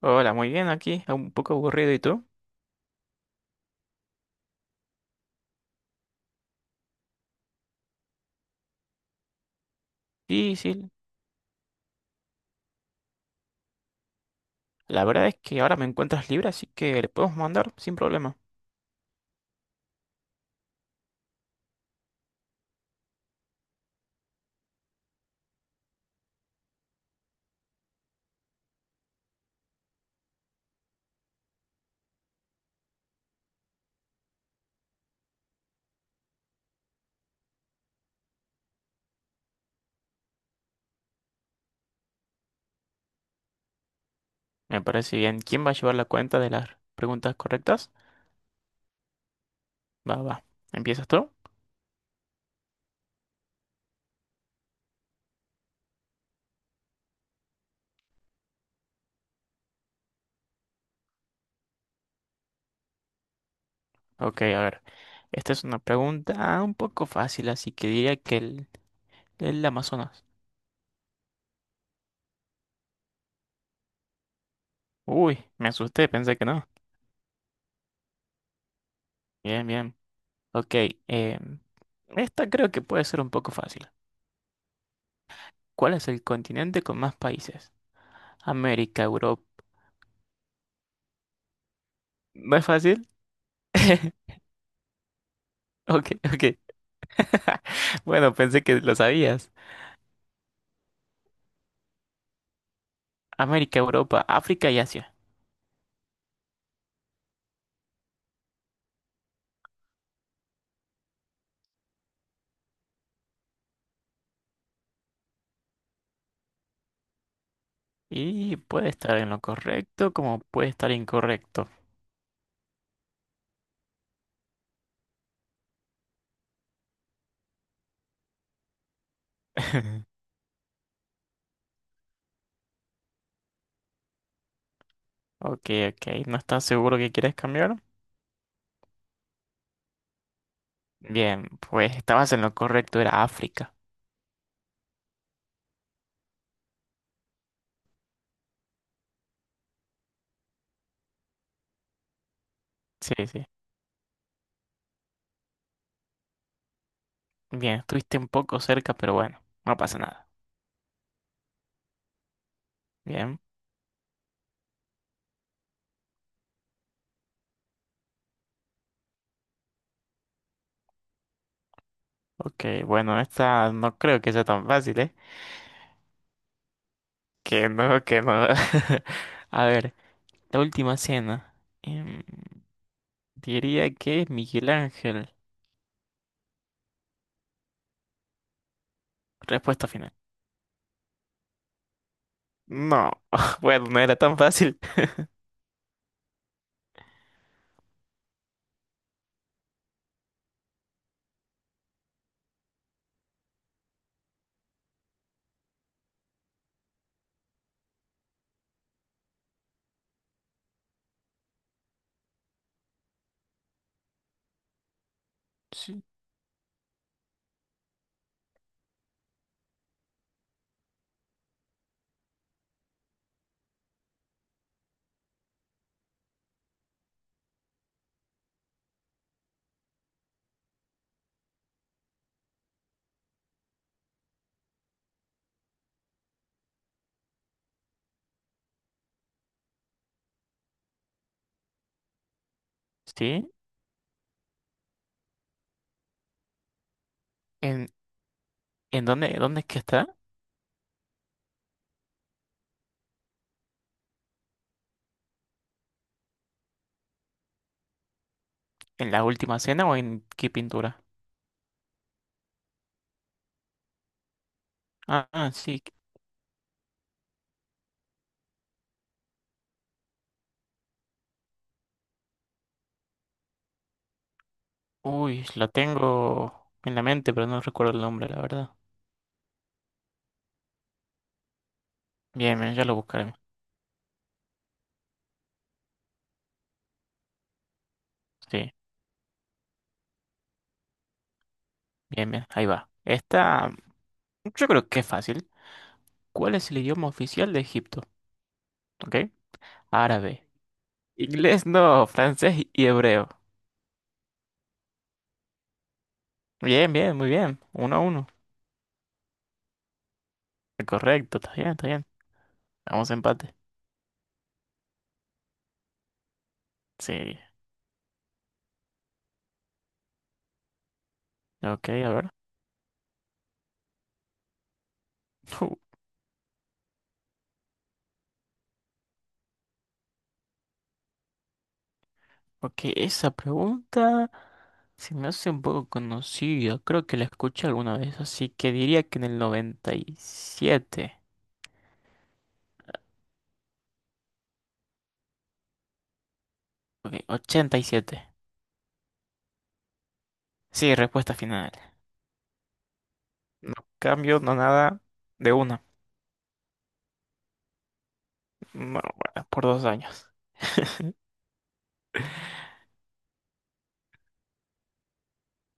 Hola, muy bien aquí, un poco aburrido, ¿y tú? Sí, sí, la verdad es que ahora me encuentras libre, así que le podemos mandar sin problema. Me parece bien. ¿Quién va a llevar la cuenta de las preguntas correctas? Va, va. ¿Empiezas tú? Ok, a ver. Esta es una pregunta un poco fácil, así que diría que el Amazonas. Uy, me asusté, pensé que no. Bien, bien. Ok, em, esta creo que puede ser un poco fácil. ¿Cuál es el continente con más países? América, Europa. ¿No es fácil? Ok, ok. Bueno, pensé que lo sabías. América, Europa, África y Asia. Y puede estar en lo correcto como puede estar incorrecto. Ok, ok. ¿No estás seguro que quieres cambiar? Bien, pues estabas en lo correcto, era África. Sí, sí. Bien, estuviste un poco cerca, pero bueno, no pasa nada. Bien. Ok, bueno, esta no creo que sea tan fácil, ¿eh? Que no, que no. A ver, la última cena. Em, diría que es Miguel Ángel. Respuesta final. No, bueno, no era tan fácil. Sí. ¿Sí? ¿En, en dónde es que está? ¿En la última cena o en qué pintura? Ah, ah, sí. Uy, la tengo en la mente, pero no recuerdo el nombre, la verdad. Bien, bien, ya lo buscaré. Sí, bien, bien, ahí va. Esta, yo creo que es fácil. ¿Cuál es el idioma oficial de Egipto? ¿Ok? Árabe. Inglés no, francés y hebreo. Bien, bien, muy bien. Uno a uno. Correcto, está bien, está bien. Vamos a empate. Sí. Ok, a ver. Porque esa pregunta se me hace un poco conocida. Creo que la escuché alguna vez, así que diría que en el 97. Ok, 87. Sí, respuesta final. No cambio, no nada. De una. No, bueno, por dos años.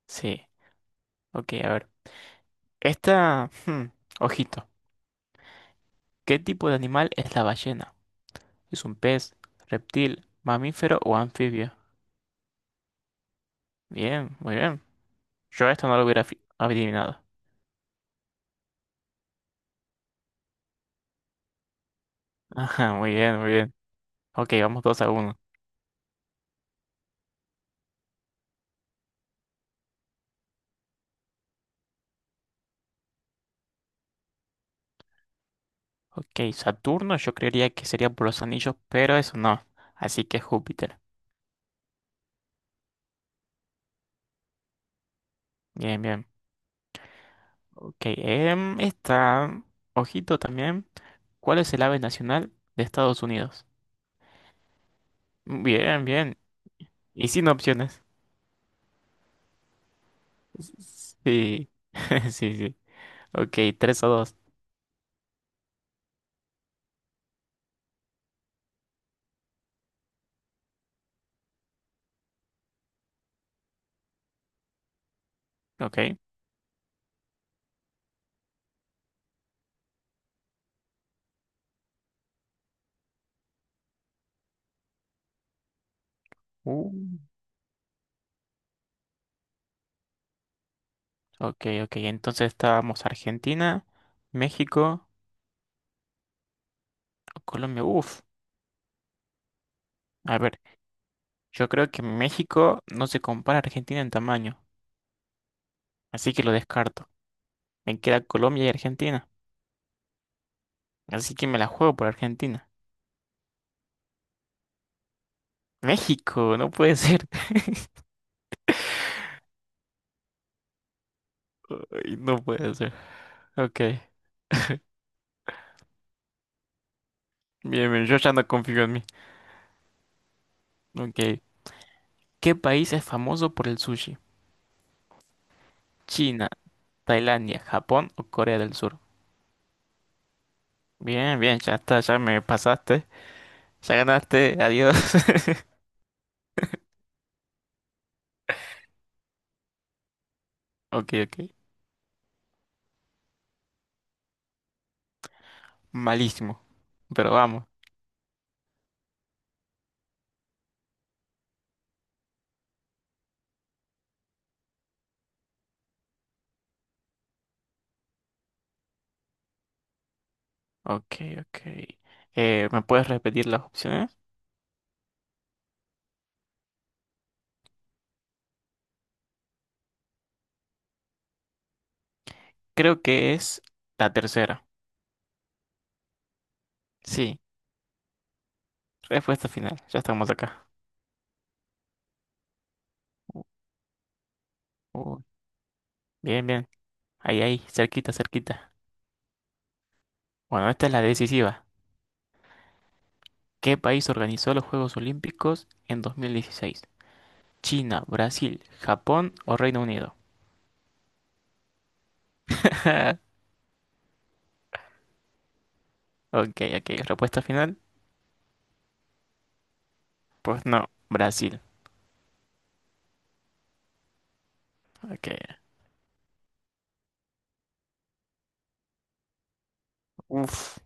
Sí. Ok, a ver. Esta... ojito. ¿Qué tipo de animal es la ballena? ¿Es un pez, reptil, mamífero o anfibio? Bien, muy bien. Yo esto no lo hubiera fi- adivinado. Ajá, muy bien, muy bien. Ok, vamos dos a uno. Ok, Saturno yo creería que sería por los anillos, pero eso no. Así que Júpiter. Bien, bien. Ok, esta, ojito también. ¿Cuál es el ave nacional de Estados Unidos? Bien, bien. Y sin opciones. Sí, sí, sí. Ok, 3 a 2. Ok. Uh. Ok, ok. Entonces estábamos Argentina, México, Colombia. Uf. A ver, yo creo que México no se compara a Argentina en tamaño, así que lo descarto. Me queda Colombia y Argentina. Así que me la juego por Argentina. México, no puede ser. Ay, no puede ser. Ok. Bien, bien, yo ya no confío en mí. Ok. ¿Qué país es famoso por el sushi? China, Tailandia, Japón o Corea del Sur. Bien, bien, ya está, ya me pasaste. Ya ganaste, adiós. Ok, ok. Malísimo, pero vamos. Ok, ok. ¿Me puedes repetir las opciones? Creo que es la tercera. Sí, respuesta final. Ya estamos acá. Uy, bien, bien. Ahí, ahí, cerquita, cerquita. Bueno, esta es la decisiva. ¿Qué país organizó los Juegos Olímpicos en 2016? ¿China, Brasil, Japón o Reino Unido? Ok, ok. ¿Respuesta final? Pues no, Brasil. Ok. Uf.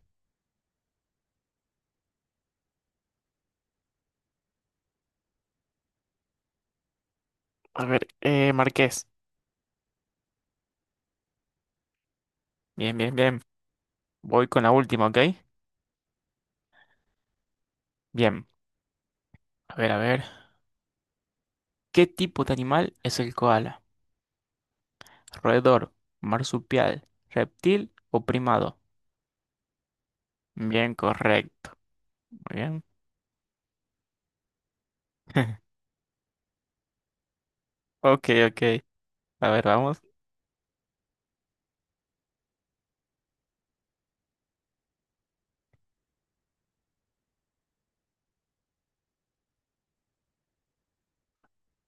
A ver, Marqués. Bien, bien, bien. Voy con la última, ¿ok? Bien. A ver, a ver. ¿Qué tipo de animal es el koala? ¿Roedor, marsupial, reptil o primado? Bien, correcto. Muy bien. Ok, ok. A ver, vamos.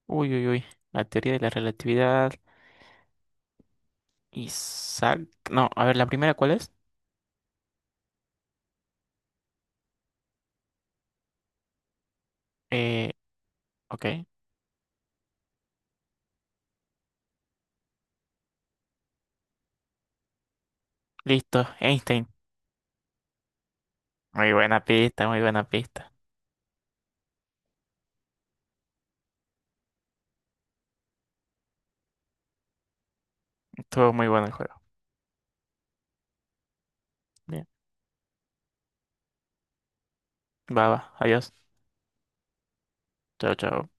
Uy, uy, uy. La teoría de la relatividad. Isaac. No, a ver, la primera, ¿cuál es? Eh, ok. Listo. Einstein. Muy buena pista, muy buena pista. Estuvo muy bueno el juego. Bien. Va, va. Adiós. Chao, chao.